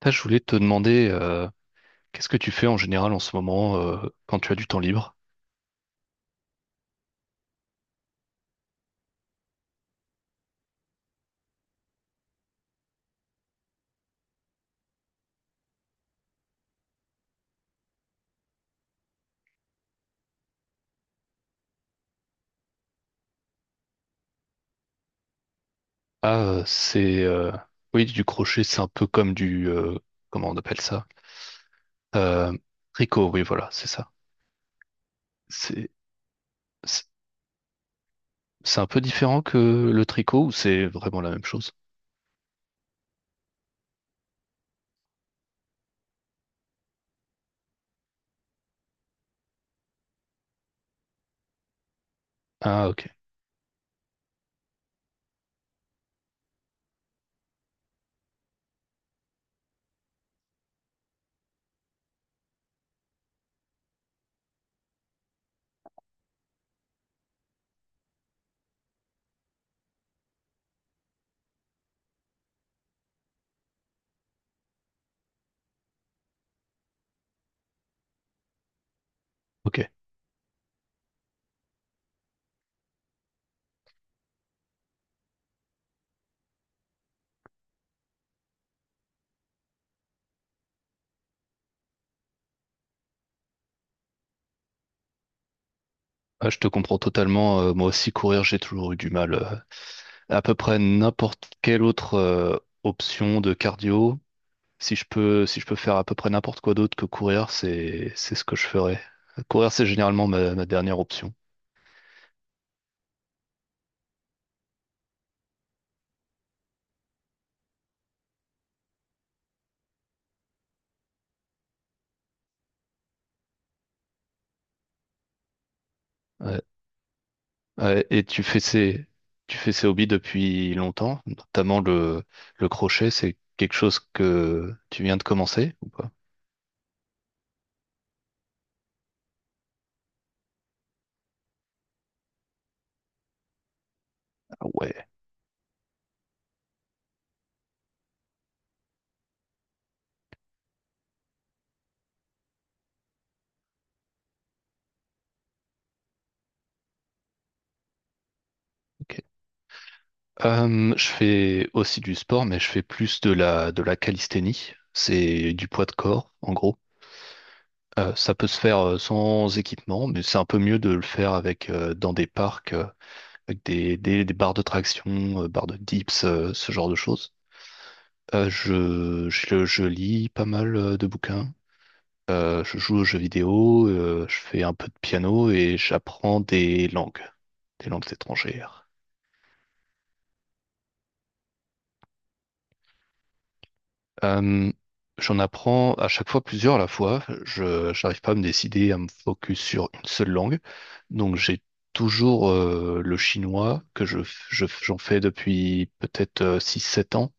Ah, je voulais te demander, qu'est-ce que tu fais en général en ce moment, quand tu as du temps libre? Ah, c'est oui, du crochet, c'est un peu comme du comment on appelle ça? Euh, Tricot, oui, voilà, c'est ça. C'est c'est c'est un peu différent que le tricot ou c'est vraiment la même chose? Ah, ok, ok. Ah, je te comprends totalement. Moi aussi, courir, j'ai toujours eu du mal. À peu près n'importe quelle autre option de cardio. Si je peux faire à peu près n'importe quoi d'autre que courir, c'est ce que je ferais. Courir, c'est généralement ma dernière option. Ouais. Ouais, et tu fais ces hobbies depuis longtemps, notamment le crochet, c'est quelque chose que tu viens de commencer ou pas? Ah ouais, ok. Je fais aussi du sport, mais je fais plus de la calisthénie. C'est du poids de corps, en gros. Ça peut se faire sans équipement, mais c'est un peu mieux de le faire avec dans des parcs, avec des barres de traction, barres de dips, ce genre de choses. Je lis pas mal de bouquins. Je joue aux jeux vidéo, je fais un peu de piano et j'apprends des langues étrangères. Euh, j'en apprends à chaque fois plusieurs à la fois. Je n'arrive pas à me décider à me focus sur une seule langue. Donc j'ai toujours le chinois que j'en fais depuis peut-être six sept ans.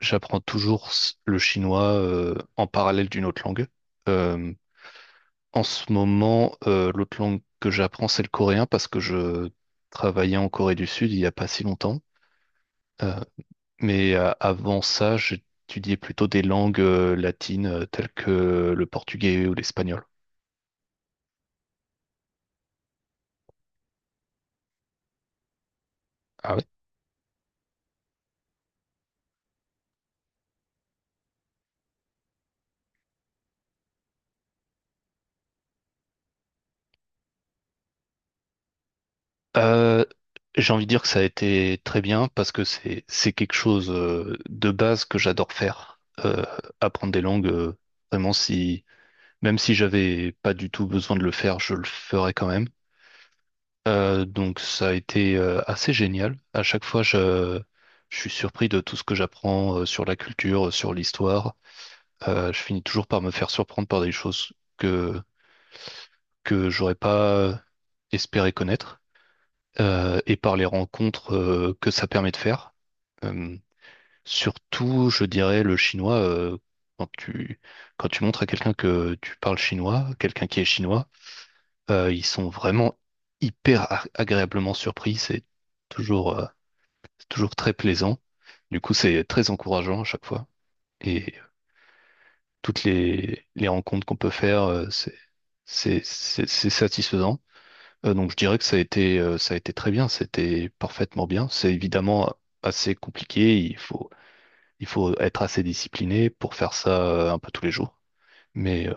J'apprends toujours le chinois en parallèle d'une autre langue. Euh, en ce moment, l'autre langue que j'apprends, c'est le coréen parce que je travaillais en Corée du Sud il n'y a pas si longtemps. Mais avant ça, j'étudiais plutôt des langues latines telles que le portugais ou l'espagnol. Ah ouais? Euh, j'ai envie de dire que ça a été très bien parce que c'est quelque chose de base que j'adore faire. Apprendre des langues, vraiment si même si j'avais pas du tout besoin de le faire, je le ferais quand même. Donc ça a été assez génial. À chaque fois, je suis surpris de tout ce que j'apprends sur la culture, sur l'histoire. Je finis toujours par me faire surprendre par des choses que j'aurais pas espéré connaître, et par les rencontres que ça permet de faire. Euh, surtout, je dirais, le chinois, quand tu, quand tu montres à quelqu'un que tu parles chinois, quelqu'un qui est chinois, ils sont vraiment hyper agréablement surpris. Toujours, euh, c'est toujours très plaisant. Du coup, c'est très encourageant à chaque fois. Et toutes les rencontres qu'on peut faire, c'est satisfaisant. Donc je dirais que ça a été très bien, c'était parfaitement bien. C'est évidemment assez compliqué, il faut être assez discipliné pour faire ça un peu tous les jours. Mais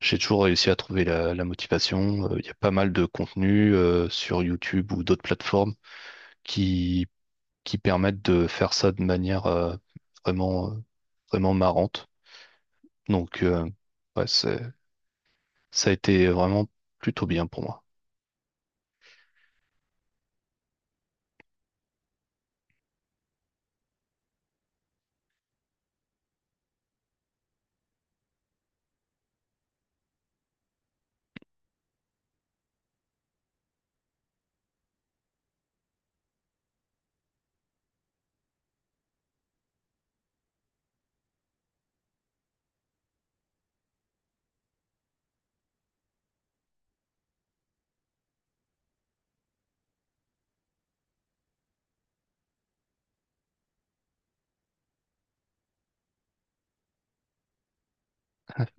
j'ai toujours réussi à trouver la motivation. Il y a pas mal de contenus sur YouTube ou d'autres plateformes qui, qui permettent de faire ça de manière vraiment, euh, vraiment marrante. Donc, ouais, ça a été vraiment plutôt bien pour moi.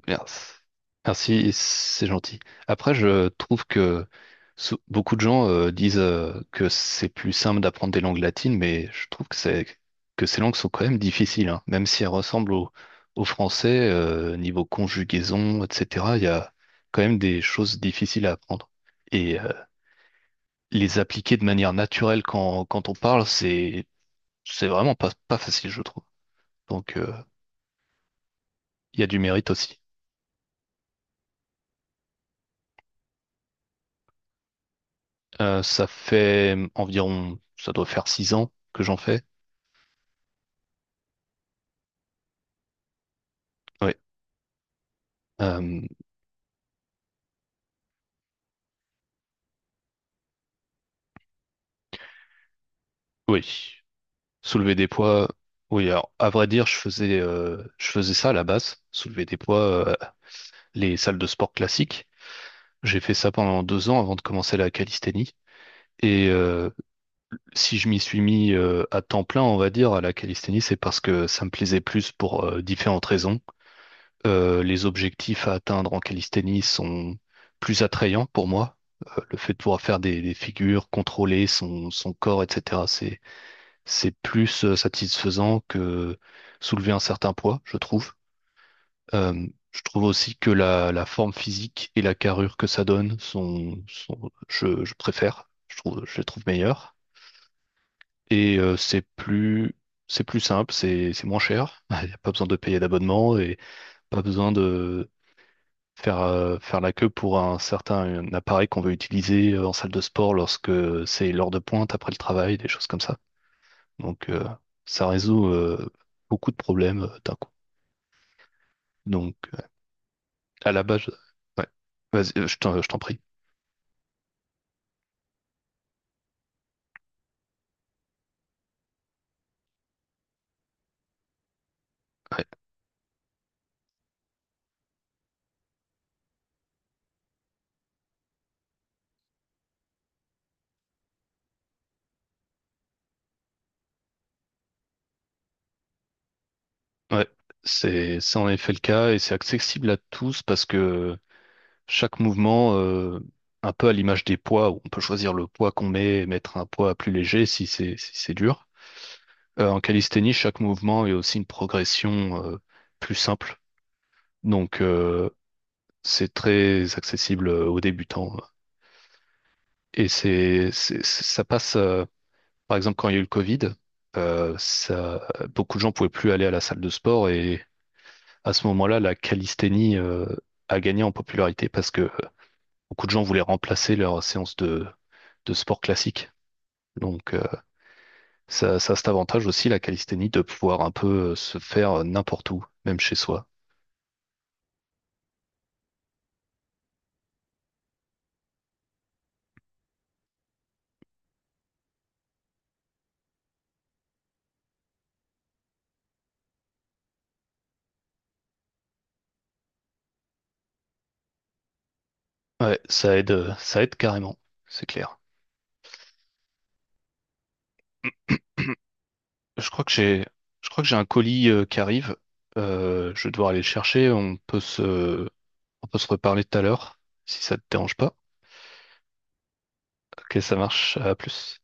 Merci. Merci, c'est gentil. Après, je trouve que beaucoup de gens disent que c'est plus simple d'apprendre des langues latines, mais je trouve que ces langues sont quand même difficiles, hein. Même si elles ressemblent au français, niveau conjugaison, etc. Il y a quand même des choses difficiles à apprendre. Et euh, les appliquer de manière naturelle quand on parle, c'est vraiment pas facile, je trouve. Donc, il y a du mérite aussi. Ça fait environ, ça doit faire 6 ans que j'en fais. Oui. Euh, oui. Soulever des poids. Oui, alors, à vrai dire, je faisais ça à la base, soulever des poids, euh, les salles de sport classiques. J'ai fait ça pendant 2 ans avant de commencer la calisthénie. Et euh, si je m'y suis mis à temps plein, on va dire, à la calisthénie, c'est parce que ça me plaisait plus pour différentes raisons. Les objectifs à atteindre en calisthénie sont plus attrayants pour moi. Le fait de pouvoir faire des figures, contrôler son corps, etc., c'est plus satisfaisant que soulever un certain poids, je trouve. Je trouve aussi que la forme physique et la carrure que ça donne je préfère, je trouve, je les trouve meilleures. Et euh, c'est plus, c'est plus simple, c'est moins cher. Il n'y a pas besoin de payer d'abonnement et pas besoin de faire la queue pour un certain un appareil qu'on veut utiliser en salle de sport lorsque c'est l'heure de pointe après le travail, des choses comme ça. Donc ça résout beaucoup de problèmes d'un coup. Donc à la base, ouais. Vas-y, je t'en prie. Ouais. Ouais. C'est en effet le cas et c'est accessible à tous parce que chaque mouvement, un peu à l'image des poids, où on peut choisir le poids qu'on met et mettre un poids plus léger si c'est dur. En calisthénie, chaque mouvement est aussi une progression plus simple. Donc c'est très accessible aux débutants. Et ça passe, par exemple, quand il y a eu le Covid, euh, ça, beaucoup de gens pouvaient plus aller à la salle de sport et à ce moment-là, la calisthénie a gagné en popularité parce que beaucoup de gens voulaient remplacer leur séance de sport classique. Donc, ça a cet avantage aussi, la calisthénie, de pouvoir un peu se faire n'importe où, même chez soi. Ouais, ça aide carrément, c'est clair. Je crois que j'ai, je crois que j'ai un colis qui arrive. Je vais devoir aller le chercher. On peut se reparler tout à l'heure, si ça te dérange pas. Ok, ça marche. À plus.